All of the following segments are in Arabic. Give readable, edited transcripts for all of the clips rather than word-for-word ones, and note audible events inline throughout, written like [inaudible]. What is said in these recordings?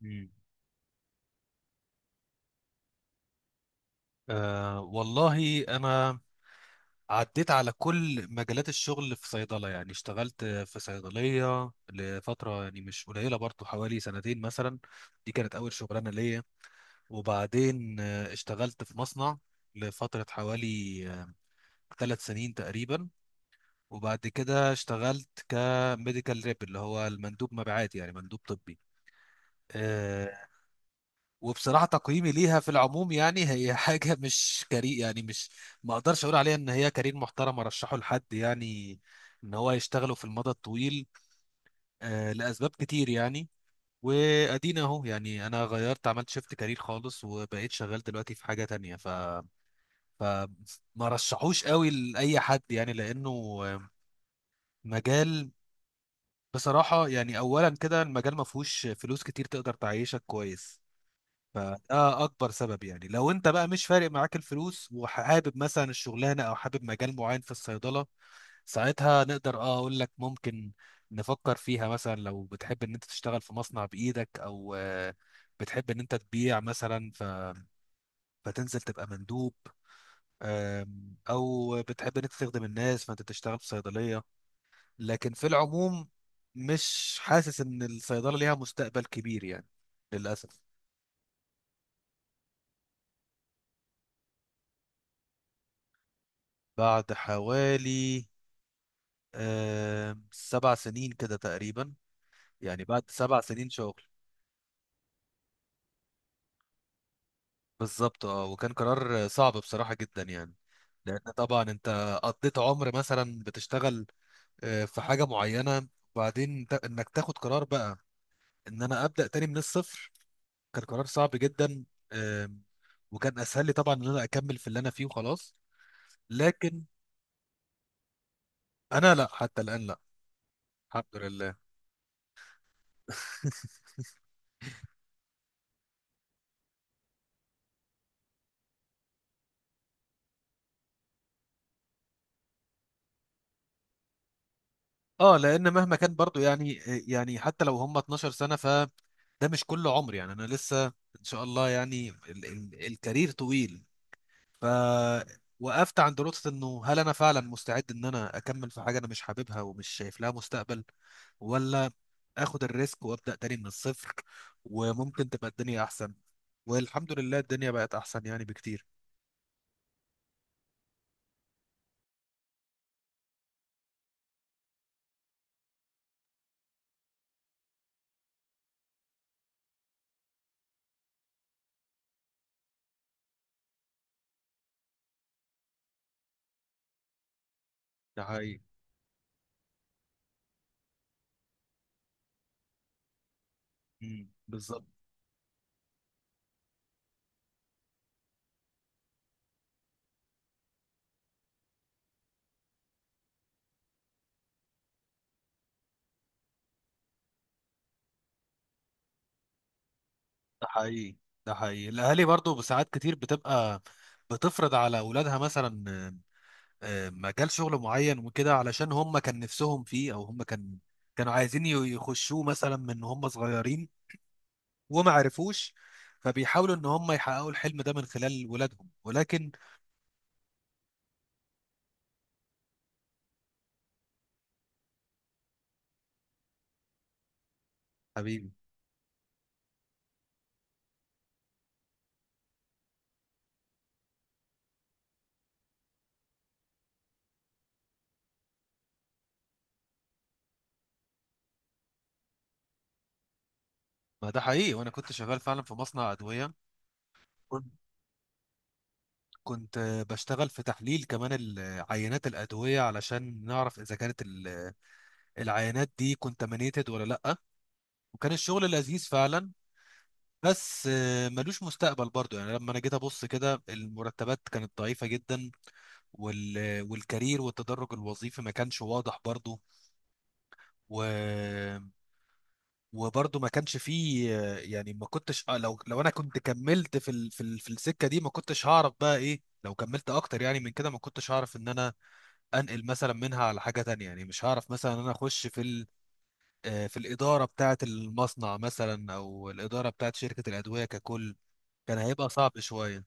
مم. أه والله أنا عديت على كل مجالات الشغل في صيدلة، يعني اشتغلت في صيدلية لفترة يعني مش قليلة برضو، حوالي سنتين مثلا. دي كانت أول شغلانة ليا. وبعدين اشتغلت في مصنع لفترة حوالي 3 سنين تقريبا. وبعد كده اشتغلت كميديكال ريب، اللي هو المندوب مبيعات، يعني مندوب طبي آه، وبصراحة تقييمي ليها في العموم يعني هي [laughs] حاجة مش كارير، يعني مش ما اقدرش اقول عليها ان هي كارير محترم ارشحه لحد، يعني ان هو يشتغله في المدى الطويل. لاسباب كتير يعني. وادينا اهو، يعني انا غيرت، عملت شيفت كارير خالص وبقيت شغال دلوقتي في حاجة تانية ف ف ما رشحوش قوي لاي حد يعني، لانه آه، مجال، بصراحة يعني، اولا كده المجال ما فيهوش فلوس كتير تقدر تعيشك كويس. فده اكبر سبب، يعني لو انت بقى مش فارق معاك الفلوس وحابب مثلا الشغلانه او حابب مجال معين في الصيدله، ساعتها نقدر اقول لك ممكن نفكر فيها. مثلا لو بتحب ان انت تشتغل في مصنع بايدك، او بتحب ان انت تبيع مثلا، فتنزل تبقى مندوب. او بتحب ان انت تخدم الناس، فانت تشتغل في صيدليه. لكن في العموم مش حاسس ان الصيدله ليها مستقبل كبير يعني، للاسف. بعد حوالي 7 سنين كده تقريبا، يعني بعد 7 سنين شغل. بالظبط، اه، وكان قرار صعب بصراحة جدا يعني. لأن طبعا أنت قضيت عمر مثلا بتشتغل في حاجة معينة، وبعدين إنك تاخد قرار بقى إن أنا أبدأ تاني من الصفر، كان قرار صعب جدا آم، وكان أسهل لي طبعا إن أنا أكمل في اللي أنا فيه وخلاص. لكن أنا لا، حتى الآن لا. الحمد لله. [laughs] اه، لان مهما كان برضو يعني حتى لو هم 12 سنه، فده مش كل عمر، يعني انا لسه ان شاء الله، يعني ال الكارير طويل. ف وقفت عند نقطه، انه هل انا فعلا مستعد ان انا اكمل في حاجه انا مش حاببها ومش شايف لها مستقبل، ولا اخد الريسك وابدا تاني من الصفر وممكن تبقى الدنيا احسن؟ والحمد لله، الدنيا بقت احسن يعني بكتير. ده حقيقي. مم، بالظبط. ده حقيقي، ده حقيقي. الاهالي برضو بساعات كتير بتفرض على اولادها مثلا مجال شغل معين وكده، علشان هم كان نفسهم فيه، او هم كانوا عايزين يخشوه مثلا من هم صغيرين وما عرفوش. فبيحاولوا ان هم يحققوا الحلم ده من خلال ولادهم، ولكن... حبيبي. ما ده حقيقي، وانا كنت شغال فعلا في مصنع ادويه. كنت كنت بشتغل في تحليل كمان عينات الادويه علشان نعرف اذا كانت العينات دي كونتامينيتد ولا لا. وكان الشغل لذيذ فعلا. بس ملوش مستقبل برضو، يعني لما انا جيت ابص كده، المرتبات كانت ضعيفة جدا. وال... والكارير والتدرج الوظيفي ما كانش واضح برضو و... وبرضو ما كانش فيه يعني ما كنتش لو انا كنت كملت في السكة دي، ما كنتش هعرف بقى ايه لو كملت اكتر يعني من كده، ما كنتش هعرف ان انا انقل مثلا منها على حاجة تانية، يعني مش هعرف مثلا ان انا اخش في ال... آه، في الإدارة بتاعة المصنع مثلا، أو الإدارة بتاعة شركة الأدوية ككل، كان هيبقى صعب شوية.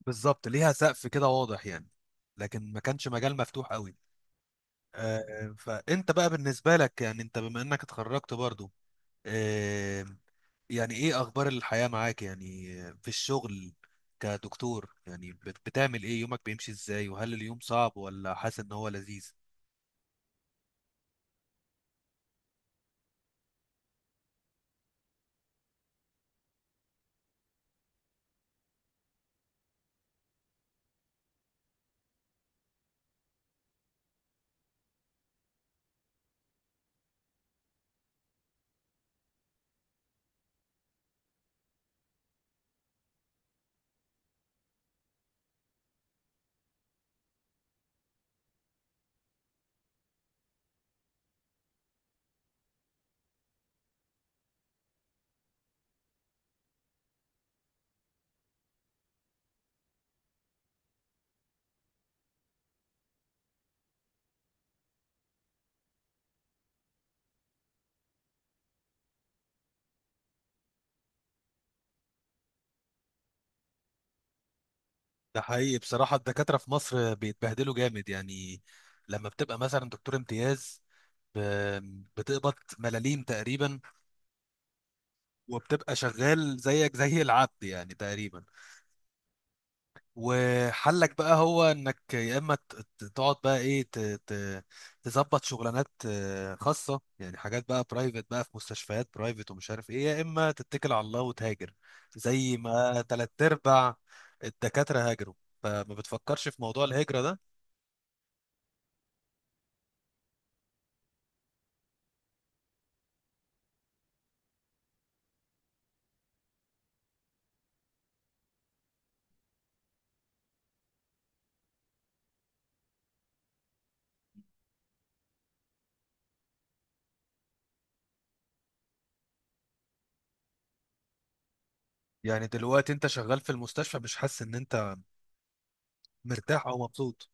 بالظبط، ليها سقف كده واضح يعني، لكن ما كانش مجال مفتوح قوي. فانت بقى بالنسبة لك، يعني انت بما انك اتخرجت برضو، آه، يعني ايه اخبار الحياة معاك، يعني في الشغل كدكتور؟ يعني بتعمل ايه؟ يومك بيمشي ازاي، وهل اليوم صعب ولا حاسس ان هو لذيذ؟ ده حقيقي، بصراحة، الدكاترة في مصر بيتبهدلوا جامد يعني. لما بتبقى مثلا دكتور امتياز، بتقبض ملاليم تقريبا، وبتبقى شغال زيك زي العبد يعني تقريبا. وحلك بقى هو انك يا اما تقعد بقى، ايه، ت- تظبط شغلانات خاصه، يعني حاجات بقى برايفت بقى في مستشفيات برايفت ومش عارف ايه، يا اما تتكل على الله وتهاجر، زي ما تلات ارباع الدكاتره هاجروا. فما بتفكرش في موضوع الهجره ده؟ يعني دلوقتي انت شغال في المستشفى، مش حاسس ان انت مرتاح او مبسوط؟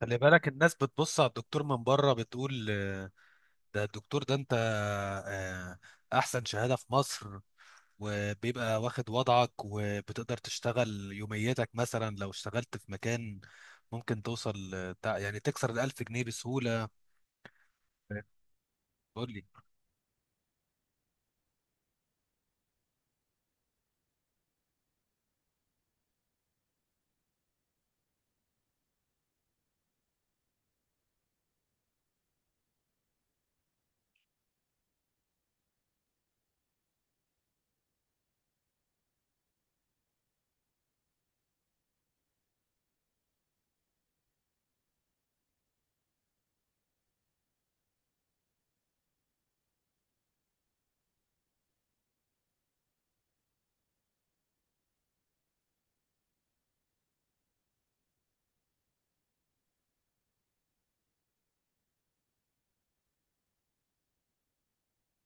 خلي بالك، الناس بتبص على الدكتور من بره، بتقول ده الدكتور، ده انت آه، احسن شهادة في مصر، وبيبقى واخد وضعك، وبتقدر تشتغل يوميتك مثلا لو اشتغلت في مكان ممكن توصل يعني تكسر الألف جنيه بسهولة. قول لي.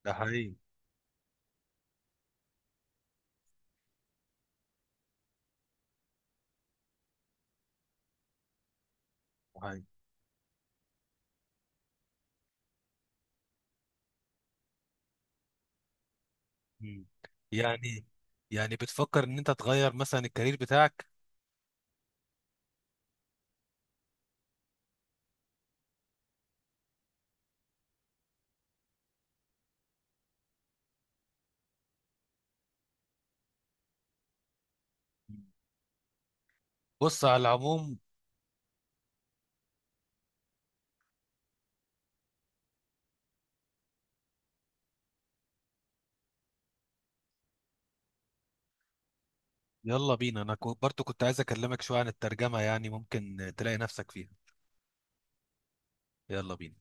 ده حقيقي. ده حقيقي. مم. يعني يعني بتفكر ان انت تغير مثلا الكارير بتاعك؟ بص، على العموم يلا بينا، انا برضو كنت عايز اكلمك شوية عن الترجمة، يعني ممكن تلاقي نفسك فيها. يلا بينا.